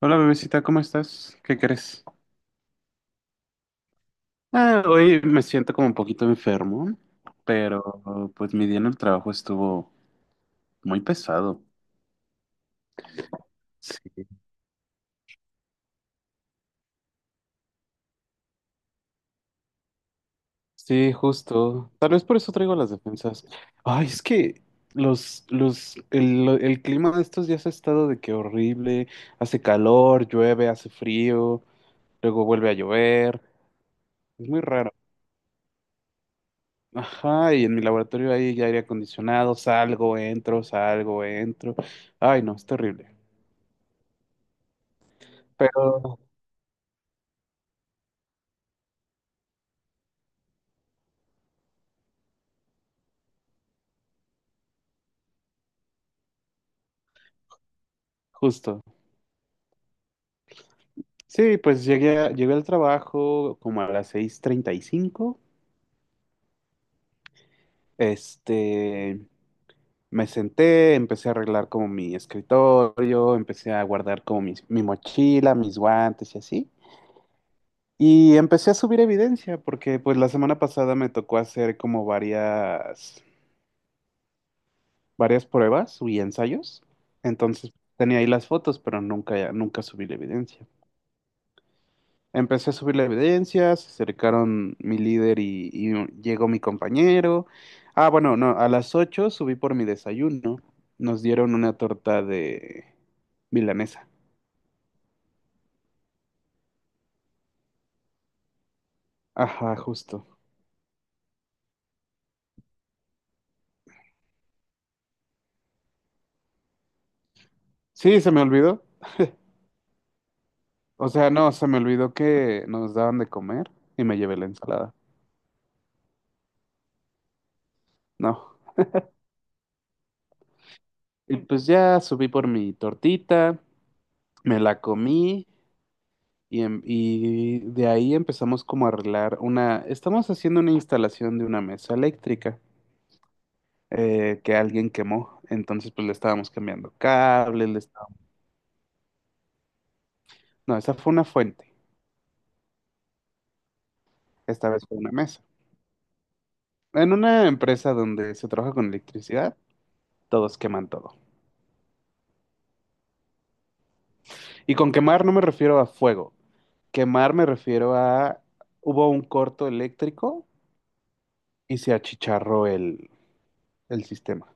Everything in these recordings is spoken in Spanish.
Hola bebecita, ¿cómo estás? ¿Qué crees? Ah, hoy me siento como un poquito enfermo, pero pues mi día en el trabajo estuvo muy pesado. Sí. Sí, justo. Tal vez por eso traigo las defensas. Ay, es que el clima de estos días ha estado de que horrible. Hace calor, llueve, hace frío, luego vuelve a llover. Es muy raro. Ajá, y en mi laboratorio hay aire acondicionado, salgo, entro, salgo, entro. Ay, no, es terrible. Pero justo. Sí, pues llegué al trabajo como a las 6:35. Este, Me senté, empecé a arreglar como mi escritorio, empecé a guardar como mi mochila, mis guantes y así. Y empecé a subir evidencia porque pues la semana pasada me tocó hacer como varias pruebas y ensayos. Entonces tenía ahí las fotos, pero nunca, nunca subí la evidencia. Empecé a subir la evidencia, se acercaron mi líder y llegó mi compañero. Ah, bueno, no, a las 8 subí por mi desayuno. Nos dieron una torta de milanesa. Ajá, justo. Sí, se me olvidó. O sea, no, se me olvidó que nos daban de comer y me llevé la ensalada. No. Y pues ya subí por mi tortita, me la comí y, y de ahí empezamos como a arreglar una. Estamos haciendo una instalación de una mesa eléctrica que alguien quemó. Entonces, pues le estábamos cambiando cables, le estábamos- No, esa fue una fuente. Esta vez fue una mesa. En una empresa donde se trabaja con electricidad, todos queman todo. Y con quemar no me refiero a fuego. Quemar me refiero a. Hubo un corto eléctrico y se achicharró el sistema.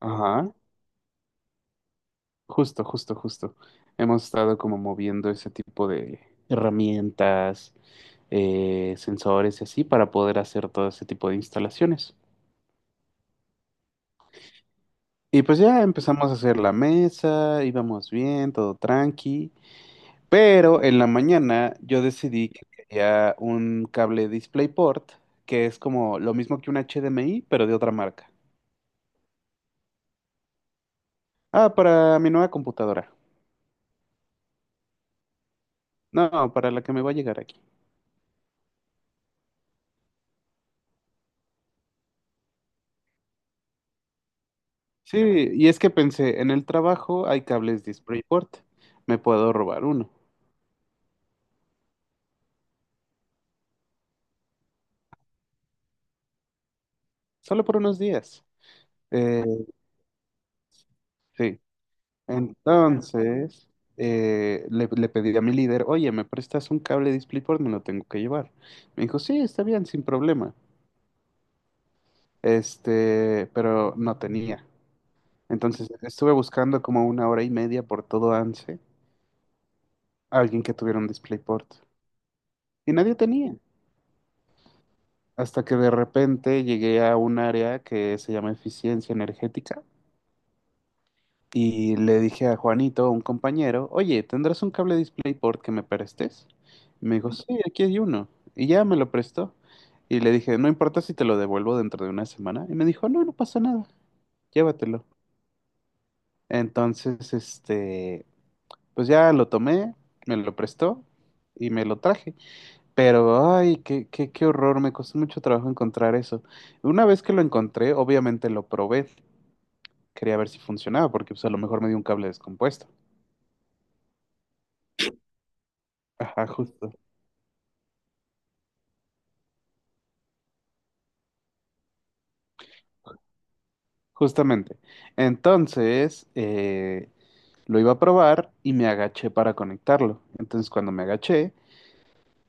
Ajá, justo, justo, justo. Hemos estado como moviendo ese tipo de herramientas, sensores y así para poder hacer todo ese tipo de instalaciones. Y pues ya empezamos a hacer la mesa, íbamos bien, todo tranqui, pero en la mañana yo decidí que quería un cable DisplayPort, que es como lo mismo que un HDMI, pero de otra marca. Ah, para mi nueva computadora. No, para la que me va a llegar aquí. Sí, y es que pensé, en el trabajo hay cables DisplayPort, me puedo robar uno, solo por unos días. Eh, sí. Entonces, le pedí a mi líder, oye, ¿me prestas un cable DisplayPort? Me lo tengo que llevar. Me dijo, sí, está bien, sin problema. Pero no tenía. Entonces, estuve buscando como una hora y media por todo ANSE, alguien que tuviera un DisplayPort. Y nadie tenía. Hasta que de repente llegué a un área que se llama eficiencia energética. Y le dije a Juanito, un compañero, oye, ¿tendrás un cable DisplayPort que me prestes? Me dijo, sí, aquí hay uno. Y ya me lo prestó. Y le dije, no importa si te lo devuelvo dentro de una semana. Y me dijo, no, no pasa nada, llévatelo. Entonces, pues ya lo tomé, me lo prestó y me lo traje. Pero, ay, qué, qué, qué horror, me costó mucho trabajo encontrar eso. Una vez que lo encontré, obviamente lo probé. Quería ver si funcionaba, porque pues a lo mejor me dio un cable descompuesto. Ajá, justo. Justamente. Entonces, lo iba a probar y me agaché para conectarlo. Entonces, cuando me agaché,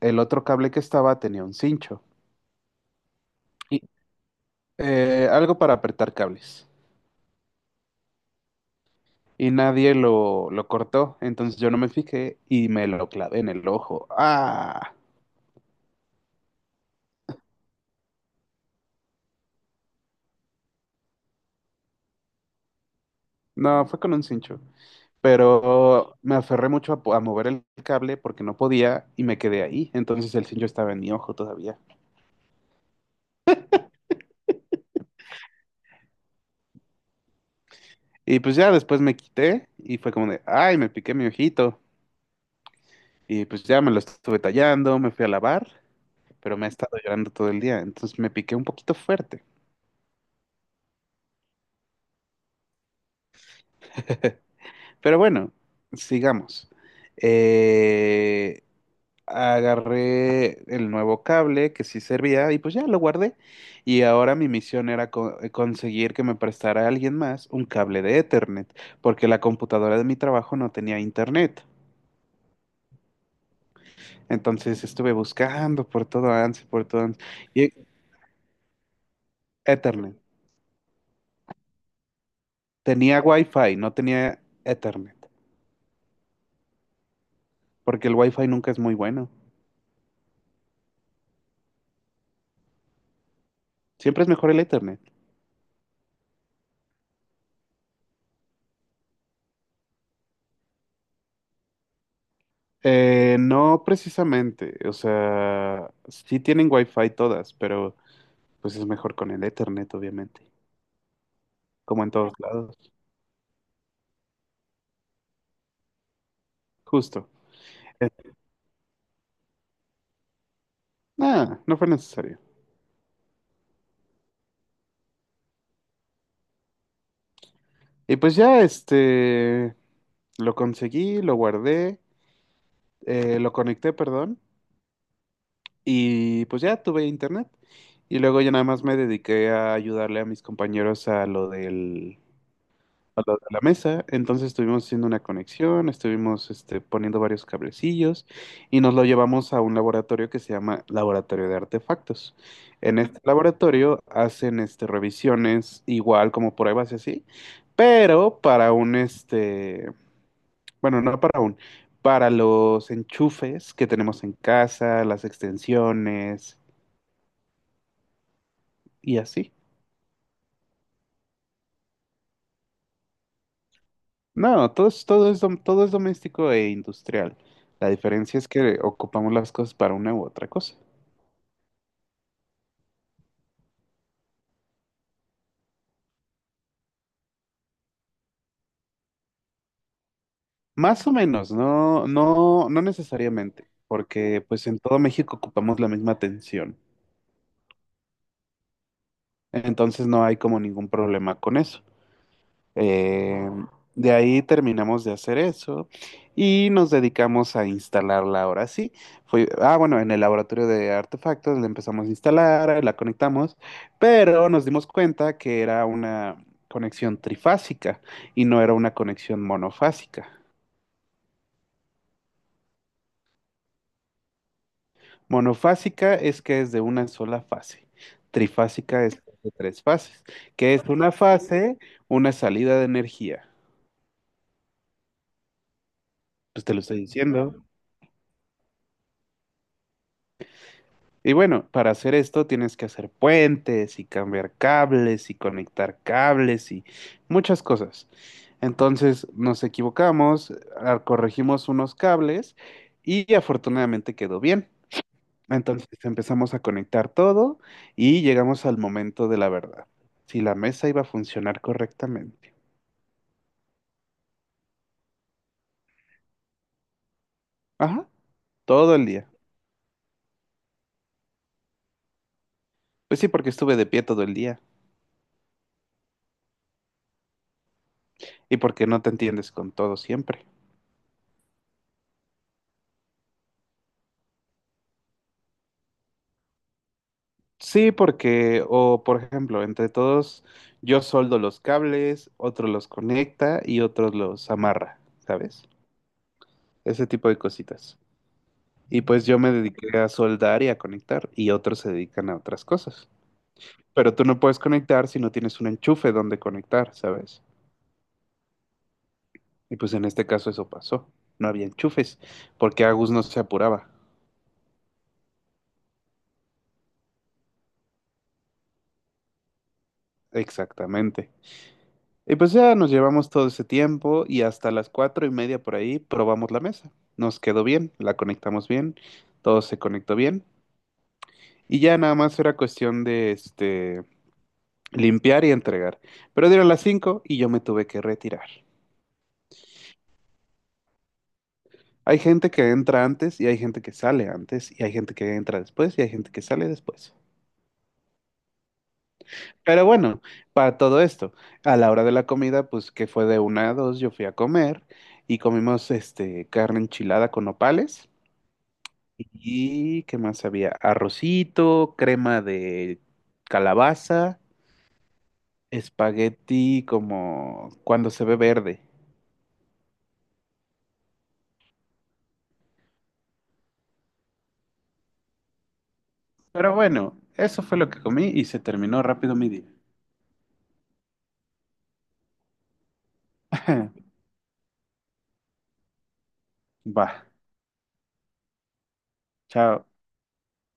el otro cable que estaba tenía un cincho. Y, algo para apretar cables. Y nadie lo cortó. Entonces yo no me fijé y me lo clavé en el ojo. ¡Ah! No, fue con un cincho. Pero me aferré mucho a mover el cable porque no podía y me quedé ahí. Entonces el cincho estaba en mi ojo todavía. Y pues ya después me quité y fue como de, ay, me piqué mi ojito. Y pues ya me lo estuve tallando, me fui a lavar, pero me ha estado llorando todo el día. Entonces me piqué un poquito fuerte. Pero bueno, sigamos. Eh, Agarré el nuevo cable que sí servía y pues ya lo guardé. Y ahora mi misión era conseguir que me prestara alguien más un cable de Ethernet, porque la computadora de mi trabajo no tenía internet. Entonces estuve buscando por todo Ansi, por todo Ansi. Ethernet. Tenía Wi-Fi, no tenía Ethernet, porque el Wi-Fi nunca es muy bueno. Siempre es mejor el Ethernet. No precisamente, o sea, sí tienen Wi-Fi todas, pero pues es mejor con el Ethernet, obviamente, como en todos lados. Justo. Eh, Nada, no fue necesario. Y pues ya, lo conseguí, lo guardé, lo conecté, perdón. Y pues ya tuve internet. Y luego ya nada más me dediqué a ayudarle a mis compañeros a lo del, a lo de la mesa. Entonces estuvimos haciendo una conexión, estuvimos poniendo varios cablecillos y nos lo llevamos a un laboratorio que se llama Laboratorio de Artefactos. En este laboratorio hacen revisiones igual como pruebas y así, pero para un, bueno, no para un, para los enchufes que tenemos en casa, las extensiones y así. No, todo es doméstico e industrial. La diferencia es que ocupamos las cosas para una u otra cosa. Más o menos, no, no, no necesariamente, porque pues en todo México ocupamos la misma atención. Entonces no hay como ningún problema con eso. Eh, de ahí terminamos de hacer eso y nos dedicamos a instalarla ahora sí. Ah, bueno, en el laboratorio de artefactos la empezamos a instalar, la conectamos, pero nos dimos cuenta que era una conexión trifásica y no era una conexión monofásica. Monofásica es que es de una sola fase. Trifásica es de tres fases, que es una fase, una salida de energía. Pues te lo estoy diciendo. Y bueno, para hacer esto tienes que hacer puentes y cambiar cables y conectar cables y muchas cosas. Entonces nos equivocamos, corregimos unos cables y afortunadamente quedó bien. Entonces empezamos a conectar todo y llegamos al momento de la verdad. Si la mesa iba a funcionar correctamente. Ajá, todo el día. Pues sí, porque estuve de pie todo el día y porque no te entiendes con todo siempre. Sí, porque, o por ejemplo, entre todos, yo soldo los cables, otro los conecta y otro los amarra, ¿sabes? Ese tipo de cositas. Y pues yo me dediqué a soldar y a conectar, y otros se dedican a otras cosas. Pero tú no puedes conectar si no tienes un enchufe donde conectar, ¿sabes? Y pues en este caso eso pasó. No había enchufes, porque Agus no se apuraba. Exactamente. Y pues ya nos llevamos todo ese tiempo y hasta las 4:30 por ahí probamos la mesa. Nos quedó bien, la conectamos bien, todo se conectó bien. Y ya nada más era cuestión de limpiar y entregar. Pero dieron las cinco y yo me tuve que retirar. Hay gente que entra antes y hay gente que sale antes y hay gente que entra después y hay gente que sale después. Pero bueno, para todo esto, a la hora de la comida, pues que fue de una a dos, yo fui a comer y comimos carne enchilada con nopales. ¿Y qué más había? Arrocito, crema de calabaza, espagueti como cuando se ve verde. Pero bueno, eso fue lo que comí y se terminó rápido mi día. Va, chao.